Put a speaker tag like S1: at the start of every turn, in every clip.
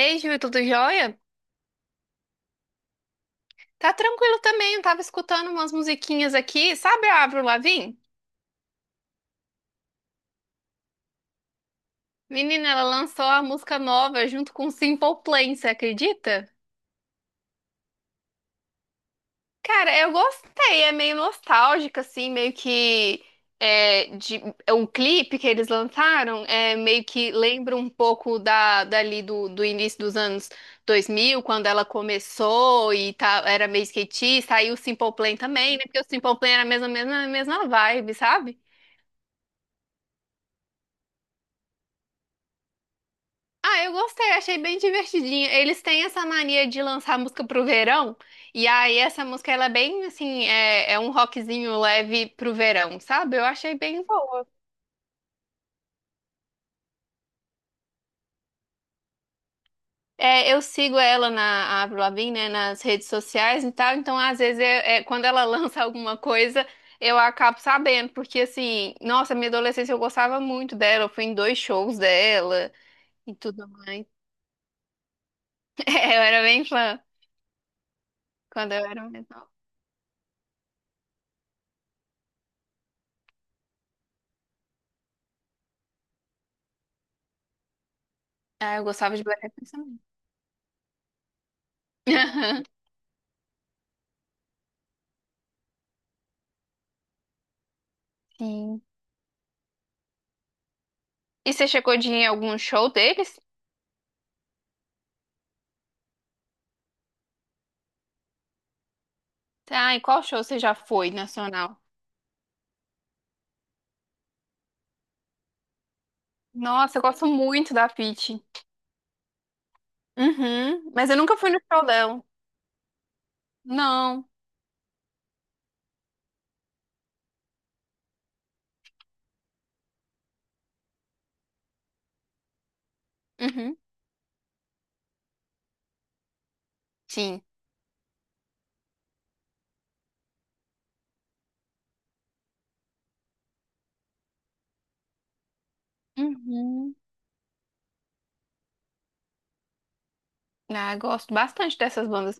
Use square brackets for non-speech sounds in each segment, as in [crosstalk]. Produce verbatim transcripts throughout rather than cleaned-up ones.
S1: Ei, Ju, tudo jóia? Tá tranquilo também, eu tava escutando umas musiquinhas aqui. Sabe a Avril Lavigne? Menina, ela lançou a música nova junto com Simple Plan, você acredita? Cara, eu gostei, é meio nostálgica, assim, meio que. É, de, é um clipe que eles lançaram, é, meio que lembra um pouco da, dali do, do início dos anos dois mil, quando ela começou e tá, era meio skatista, aí o Simple Plan também, né? Porque o Simple Plan era a mesma, mesma, mesma vibe, sabe? Ah, eu gostei, achei bem divertidinho. Eles têm essa mania de lançar música pro verão, e aí essa música ela é bem assim, é, é um rockzinho leve pro verão, sabe? Eu achei bem boa. É, eu sigo ela na a Avril Lavigne, né, nas redes sociais e tal, então às vezes é, é, quando ela [laughs] lança alguma coisa, eu acabo sabendo, porque assim, nossa, minha adolescência eu gostava muito dela, eu fui em dois shows dela e tudo mais. [laughs] É, eu era bem fã quando eu era mais nova. Ah, eu gostava de Black Eyed Peas também. [laughs] Sim. E você chegou de ir em algum show deles? Ah, e qual show você já foi nacional? Nossa, eu gosto muito da Pitty. Uhum. Mas eu nunca fui no show dela. Não. Uhum. Sim. Uhum. Ah, eu gosto bastante dessas bandas.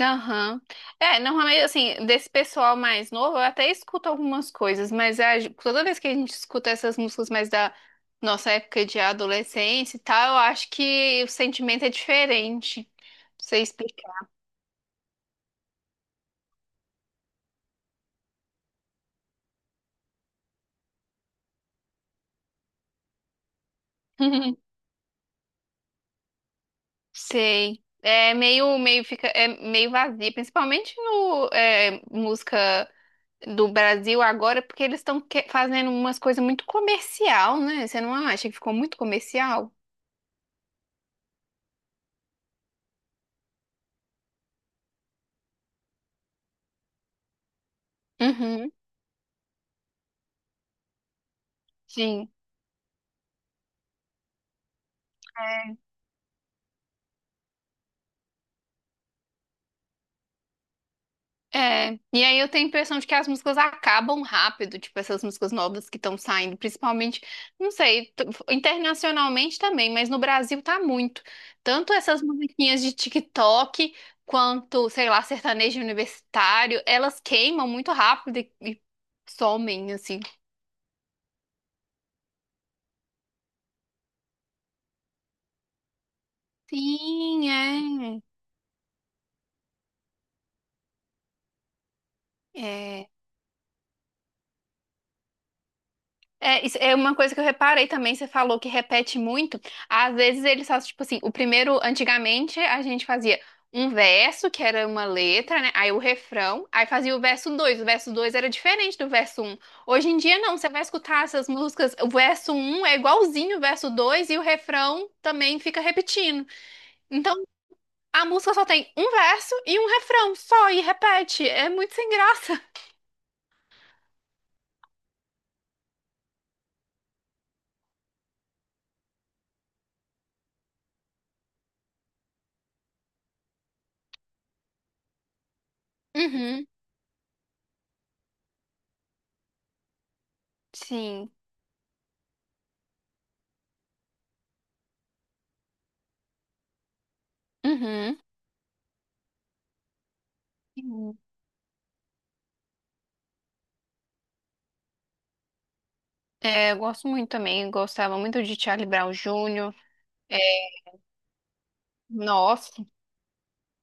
S1: Aham. É, normalmente, assim, desse pessoal mais novo, eu até escuto algumas coisas, mas a gen- toda vez que a gente escuta essas músicas mais da nossa época de adolescência e tal, eu acho que o sentimento é diferente. Não sei explicar. [laughs] Sei. É meio, meio fica, é meio vazia, principalmente no é, música do Brasil agora, porque eles estão fazendo umas coisas muito comercial, né? Você não acha que ficou muito comercial? Uhum. Sim. É, e aí eu tenho a impressão de que as músicas acabam rápido, tipo essas músicas novas que estão saindo, principalmente, não sei, t- internacionalmente também, mas no Brasil tá muito. Tanto essas musiquinhas de TikTok quanto, sei lá, sertanejo universitário, elas queimam muito rápido e, e somem, assim. Sim, é. É, isso é uma coisa que eu reparei também, você falou que repete muito. Às vezes eles fazem, tipo assim, o primeiro, antigamente, a gente fazia um verso, que era uma letra, né? Aí o refrão, aí fazia o verso dois. O verso dois era diferente do verso um. Hoje em dia, não, você vai escutar essas músicas, o verso um é igualzinho o verso dois e o refrão também fica repetindo. Então, a música só tem um verso e um refrão, só, e repete. É muito sem graça. Uhum, sim. Uhum. É, eu gosto muito também, gostava muito de Charlie Brown Júnior. É, nossa,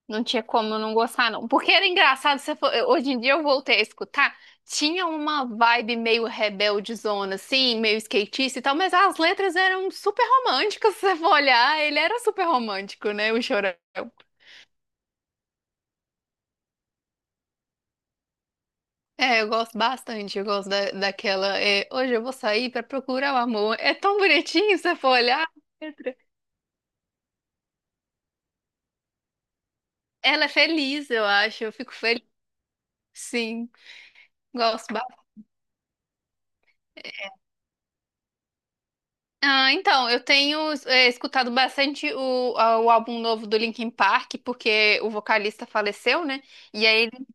S1: não tinha como eu não gostar, não. Porque era engraçado, se for- eu- hoje em dia eu voltei a escutar, tinha uma vibe meio rebeldezona, assim, meio skatista e tal, mas as letras eram super românticas, se você for olhar, ele era super romântico, né, o Chorão. É, eu gosto bastante, eu gosto da, daquela, é, hoje eu vou sair pra procurar o amor. É tão bonitinho, se você for olhar a letra. Ela é feliz, eu acho, eu fico feliz, sim. Gosto Ah, então, eu tenho é, escutado bastante o, a- o álbum novo do Linkin Park, porque o vocalista faleceu, né? E aí, eles,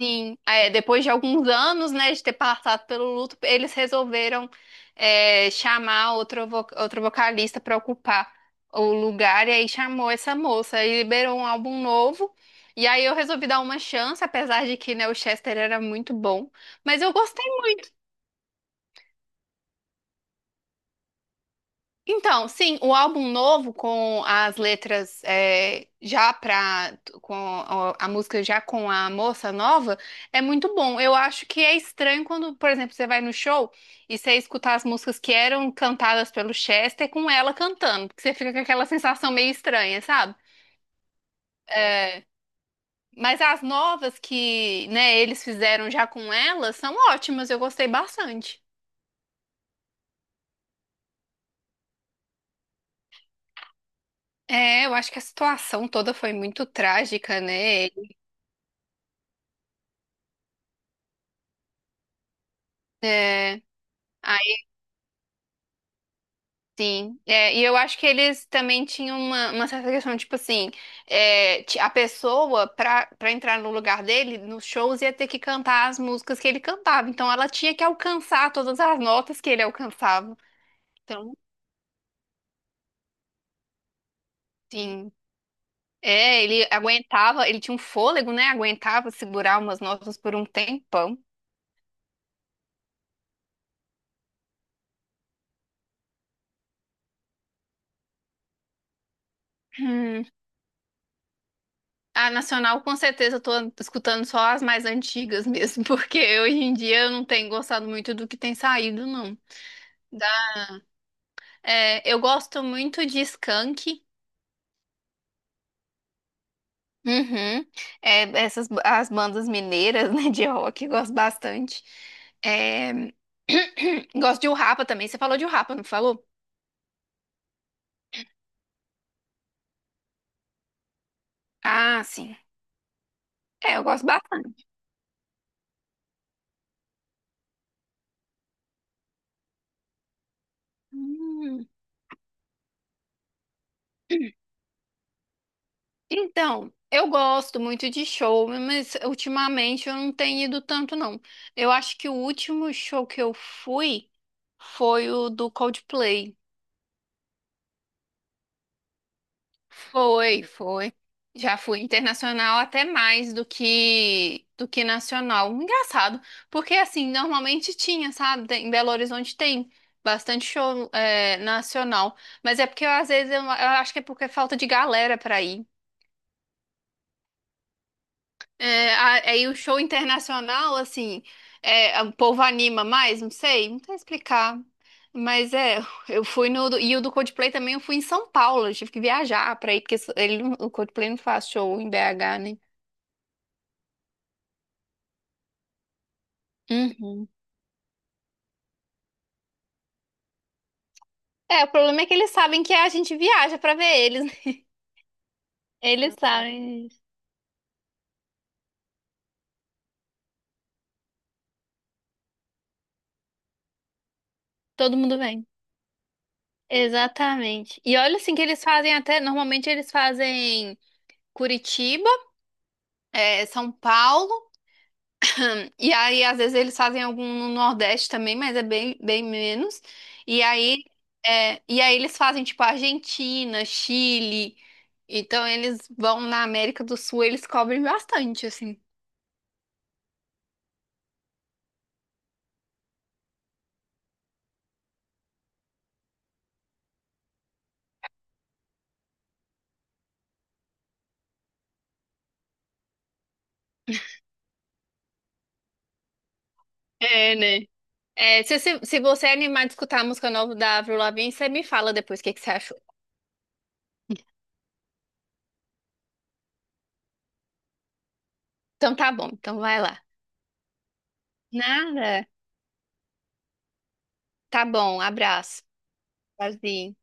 S1: sim, é, depois de alguns anos, né, de ter passado pelo luto, eles resolveram é, chamar outro, vo- outro vocalista para ocupar o lugar, e aí chamou essa moça, e liberou um álbum novo. E aí eu resolvi dar uma chance, apesar de que, né, o Chester era muito bom. Mas eu gostei. Então, sim, o álbum novo com as letras é, já pra, com a, a música já com a moça nova é muito bom. Eu acho que é estranho quando, por exemplo, você vai no show e você escutar as músicas que eram cantadas pelo Chester com ela cantando, porque você fica com aquela sensação meio estranha, sabe? É, mas as novas que, né, eles fizeram já com ela são ótimas, eu gostei bastante. É, eu acho que a situação toda foi muito trágica, né? É. Sim, é, e eu acho que eles também tinham uma, uma certa questão, tipo assim, é, ti- a pessoa, pra, pra entrar no lugar dele, nos shows, ia ter que cantar as músicas que ele cantava. Então ela tinha que alcançar todas as notas que ele alcançava. Então, sim, é, ele aguentava, ele tinha um fôlego, né? Aguentava segurar umas notas por um tempão. Hum, A Nacional, com certeza, eu tô escutando só as mais antigas mesmo, [laughs] porque hoje em dia eu não tenho gostado muito do que tem saído, não. É, eu gosto muito de Skank. Uhum. É, essas as bandas mineiras, [laughs] né, de rock, eu gosto bastante. É, [clears throat] gosto de O Rapa também. Você falou de O Rapa, não falou? Ah, sim. É, eu gosto bastante. Hum. [clears throat] Então, eu gosto muito de show, mas ultimamente eu não tenho ido tanto, não. Eu acho que o último show que eu fui foi o do Coldplay. Foi, foi. Já fui internacional até mais do que do que nacional. Engraçado, porque assim, normalmente tinha, sabe? Tem- Em Belo Horizonte tem bastante show é, nacional, mas é porque eu, às vezes eu, eu acho que é porque é falta de galera pra ir. É, a- aí o show internacional, assim, é, é, o povo anima mais, não sei, não sei explicar. Mas é, [laughs] eu fui no. do- E o do Coldplay também eu fui em São Paulo, eu tive que viajar pra ir, porque ele, não- o Coldplay não faz show em B H, né? Uhum. É, o problema é que eles sabem que a gente viaja pra ver eles, né? [laughs] Eles sabem, todo mundo vem. Exatamente. E olha assim que eles fazem até, normalmente eles fazem Curitiba, é, São Paulo. E aí, às vezes, eles fazem algum no Nordeste também, mas é bem, bem menos. E aí, é, e aí eles fazem, tipo, Argentina, Chile. Então, eles vão na América do Sul, eles cobrem bastante, assim. É, né? É, se, se, se você é animado de escutar a música nova da Avril Lavigne, você me fala depois o que, que você achou. Então, tá bom. Então, vai lá. Nada. Tá bom. Abraço. Tchauzinho.